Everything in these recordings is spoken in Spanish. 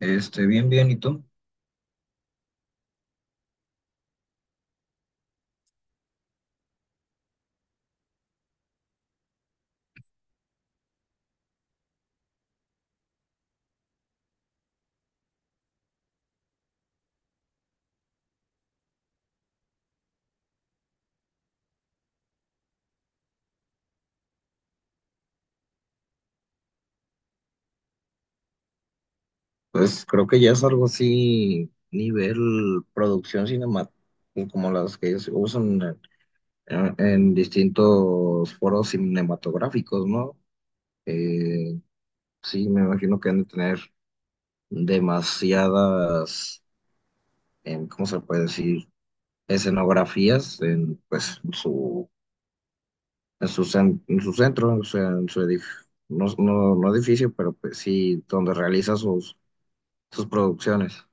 Bien, bien, ¿y tú? Pues creo que ya es algo así, nivel producción cinematográfica, como las que ellos usan en distintos foros cinematográficos, ¿no? Eh, sí, me imagino que han de tener demasiadas, ¿cómo se puede decir? Escenografías en, pues, en su, en su, en su centro, o sea, en su edificio, no, no, no edificio, pero pues sí, donde realiza sus, sus producciones.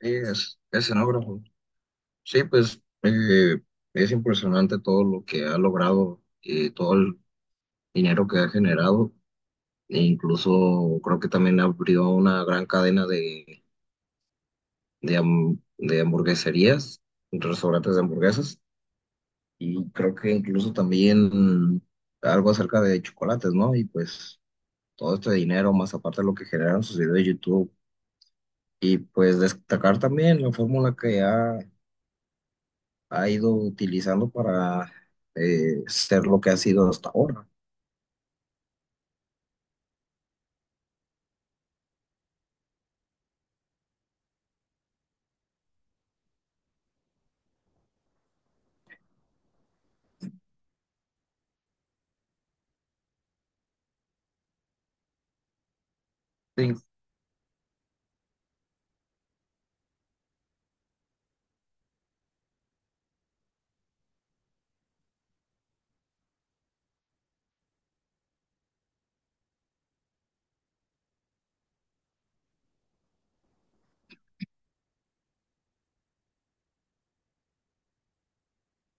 Sí, es escenógrafo. Sí, pues, es impresionante todo lo que ha logrado y todo el dinero que ha generado. E incluso creo que también abrió una gran cadena de, de hamburgueserías, restaurantes de hamburguesas. Y creo que incluso también algo acerca de chocolates, ¿no? Y pues todo este dinero, más aparte de lo que generaron sus videos de YouTube. Y pues destacar también la fórmula que ha ido utilizando para ser lo que ha sido hasta ahora. Sí,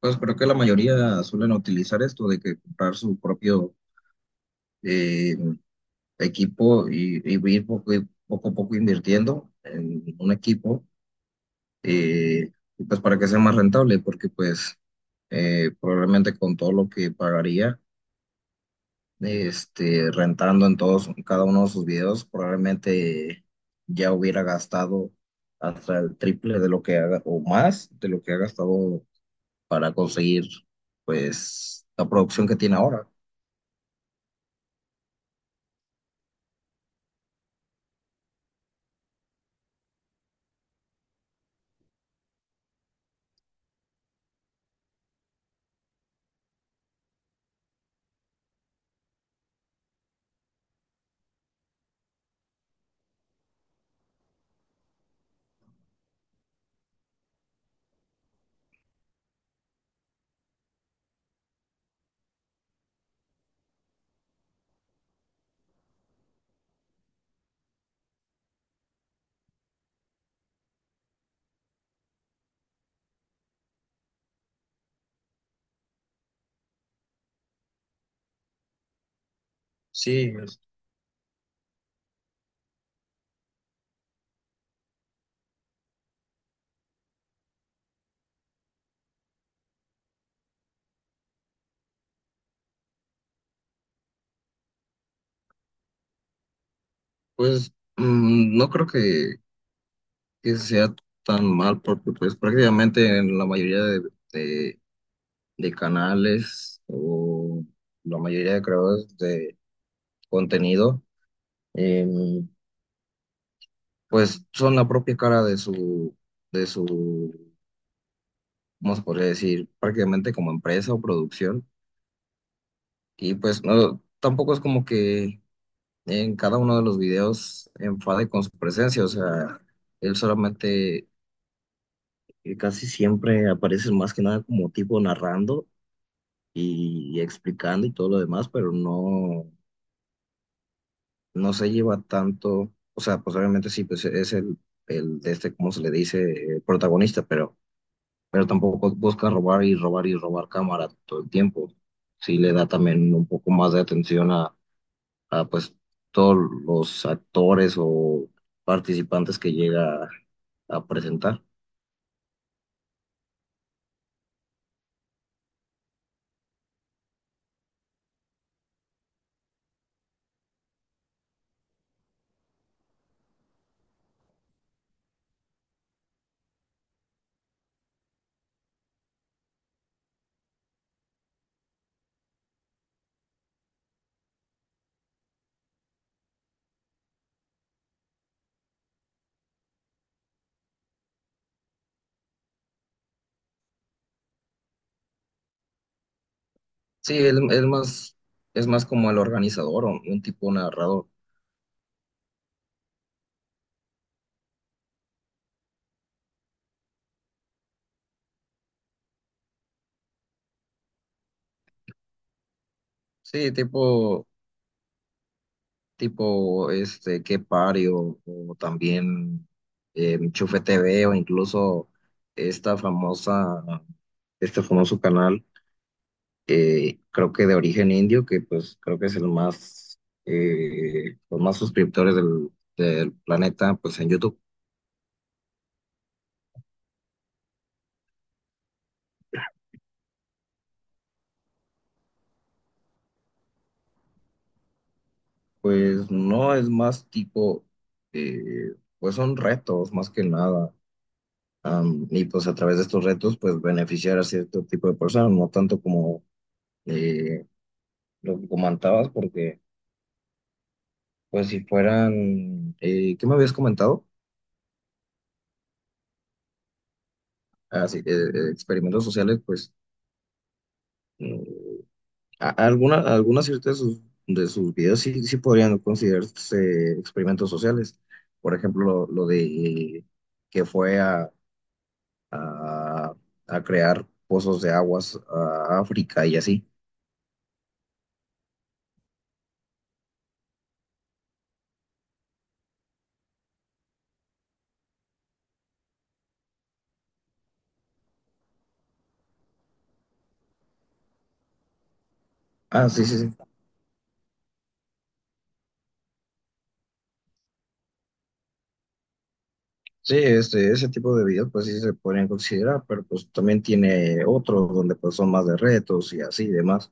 pues creo que la mayoría suelen utilizar esto de que comprar su propio eh, equipo y ir poco, poco a poco invirtiendo en un equipo, eh, y pues para que sea más rentable, porque pues, probablemente con todo lo que pagaría este, rentando en todos, cada uno de sus videos, probablemente ya hubiera gastado hasta el triple de lo que haga, o más de lo que ha gastado para conseguir, pues, la producción que tiene ahora. Sí, pues no creo que sea tan mal porque pues prácticamente en la mayoría de, de- de canales o la mayoría de creadores de contenido pues son la propia cara de su, ¿cómo se podría decir? Prácticamente como empresa o producción. Y pues no, tampoco es como que en cada uno de los videos enfade con su presencia, o sea, él solamente casi siempre aparece más que nada como tipo narrando y explicando y todo lo demás, pero no, no se lleva tanto, o sea, pues obviamente sí, pues es el de este, ¿cómo se le dice? Protagonista, pero tampoco busca robar y robar y robar cámara todo el tiempo. Sí le da también un poco más de atención a, pues todos los actores o participantes que llega a presentar. Sí, él más, es más como el organizador o un tipo narrador. Sí, tipo, tipo este, Qué Party o, o también Chufe TV o incluso esta famosa, este famoso canal creo que de origen indio, que pues creo que es el más, los más suscriptores del, del planeta, pues en YouTube, pues no es más tipo, pues son retos más que nada. Y pues a través de estos retos, pues beneficiar a cierto tipo de personas, no tanto como eh, lo que comentabas, porque pues si fueran, ¿qué me habías comentado? Ah, sí, experimentos sociales, pues... Alguna, algunas ciertas de sus videos sí, sí podrían considerarse experimentos sociales. Por ejemplo, lo de que fue a, a crear pozos de aguas a África y así. Ah, sí, sí, sí. Sí, este, ese tipo de videos pues sí se podrían considerar, pero pues también tiene otros donde pues son más de retos y así y demás.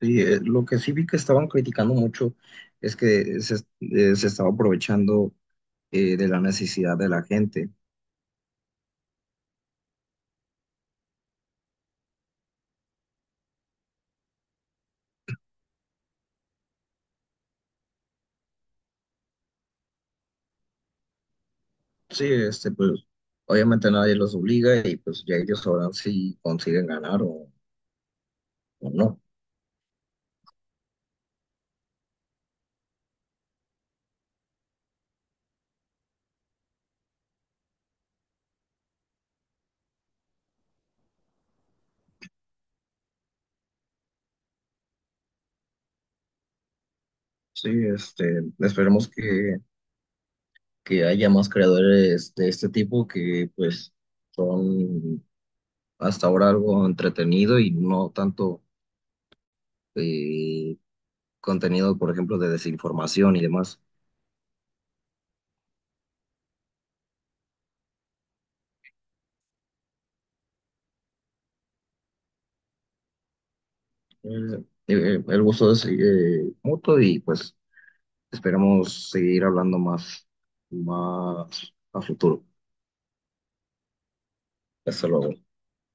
Sí, lo que sí vi que estaban criticando mucho es que se, se estaba aprovechando de la necesidad de la gente. Sí, este, pues obviamente nadie los obliga y pues ya ellos sabrán si consiguen ganar o no. Sí, este, esperemos que haya más creadores de este tipo que pues son hasta ahora algo entretenido y no tanto eh, contenido, por ejemplo, de desinformación y demás. El, eh, el gusto es mutuo y pues esperamos seguir hablando más, más a futuro. Hasta luego.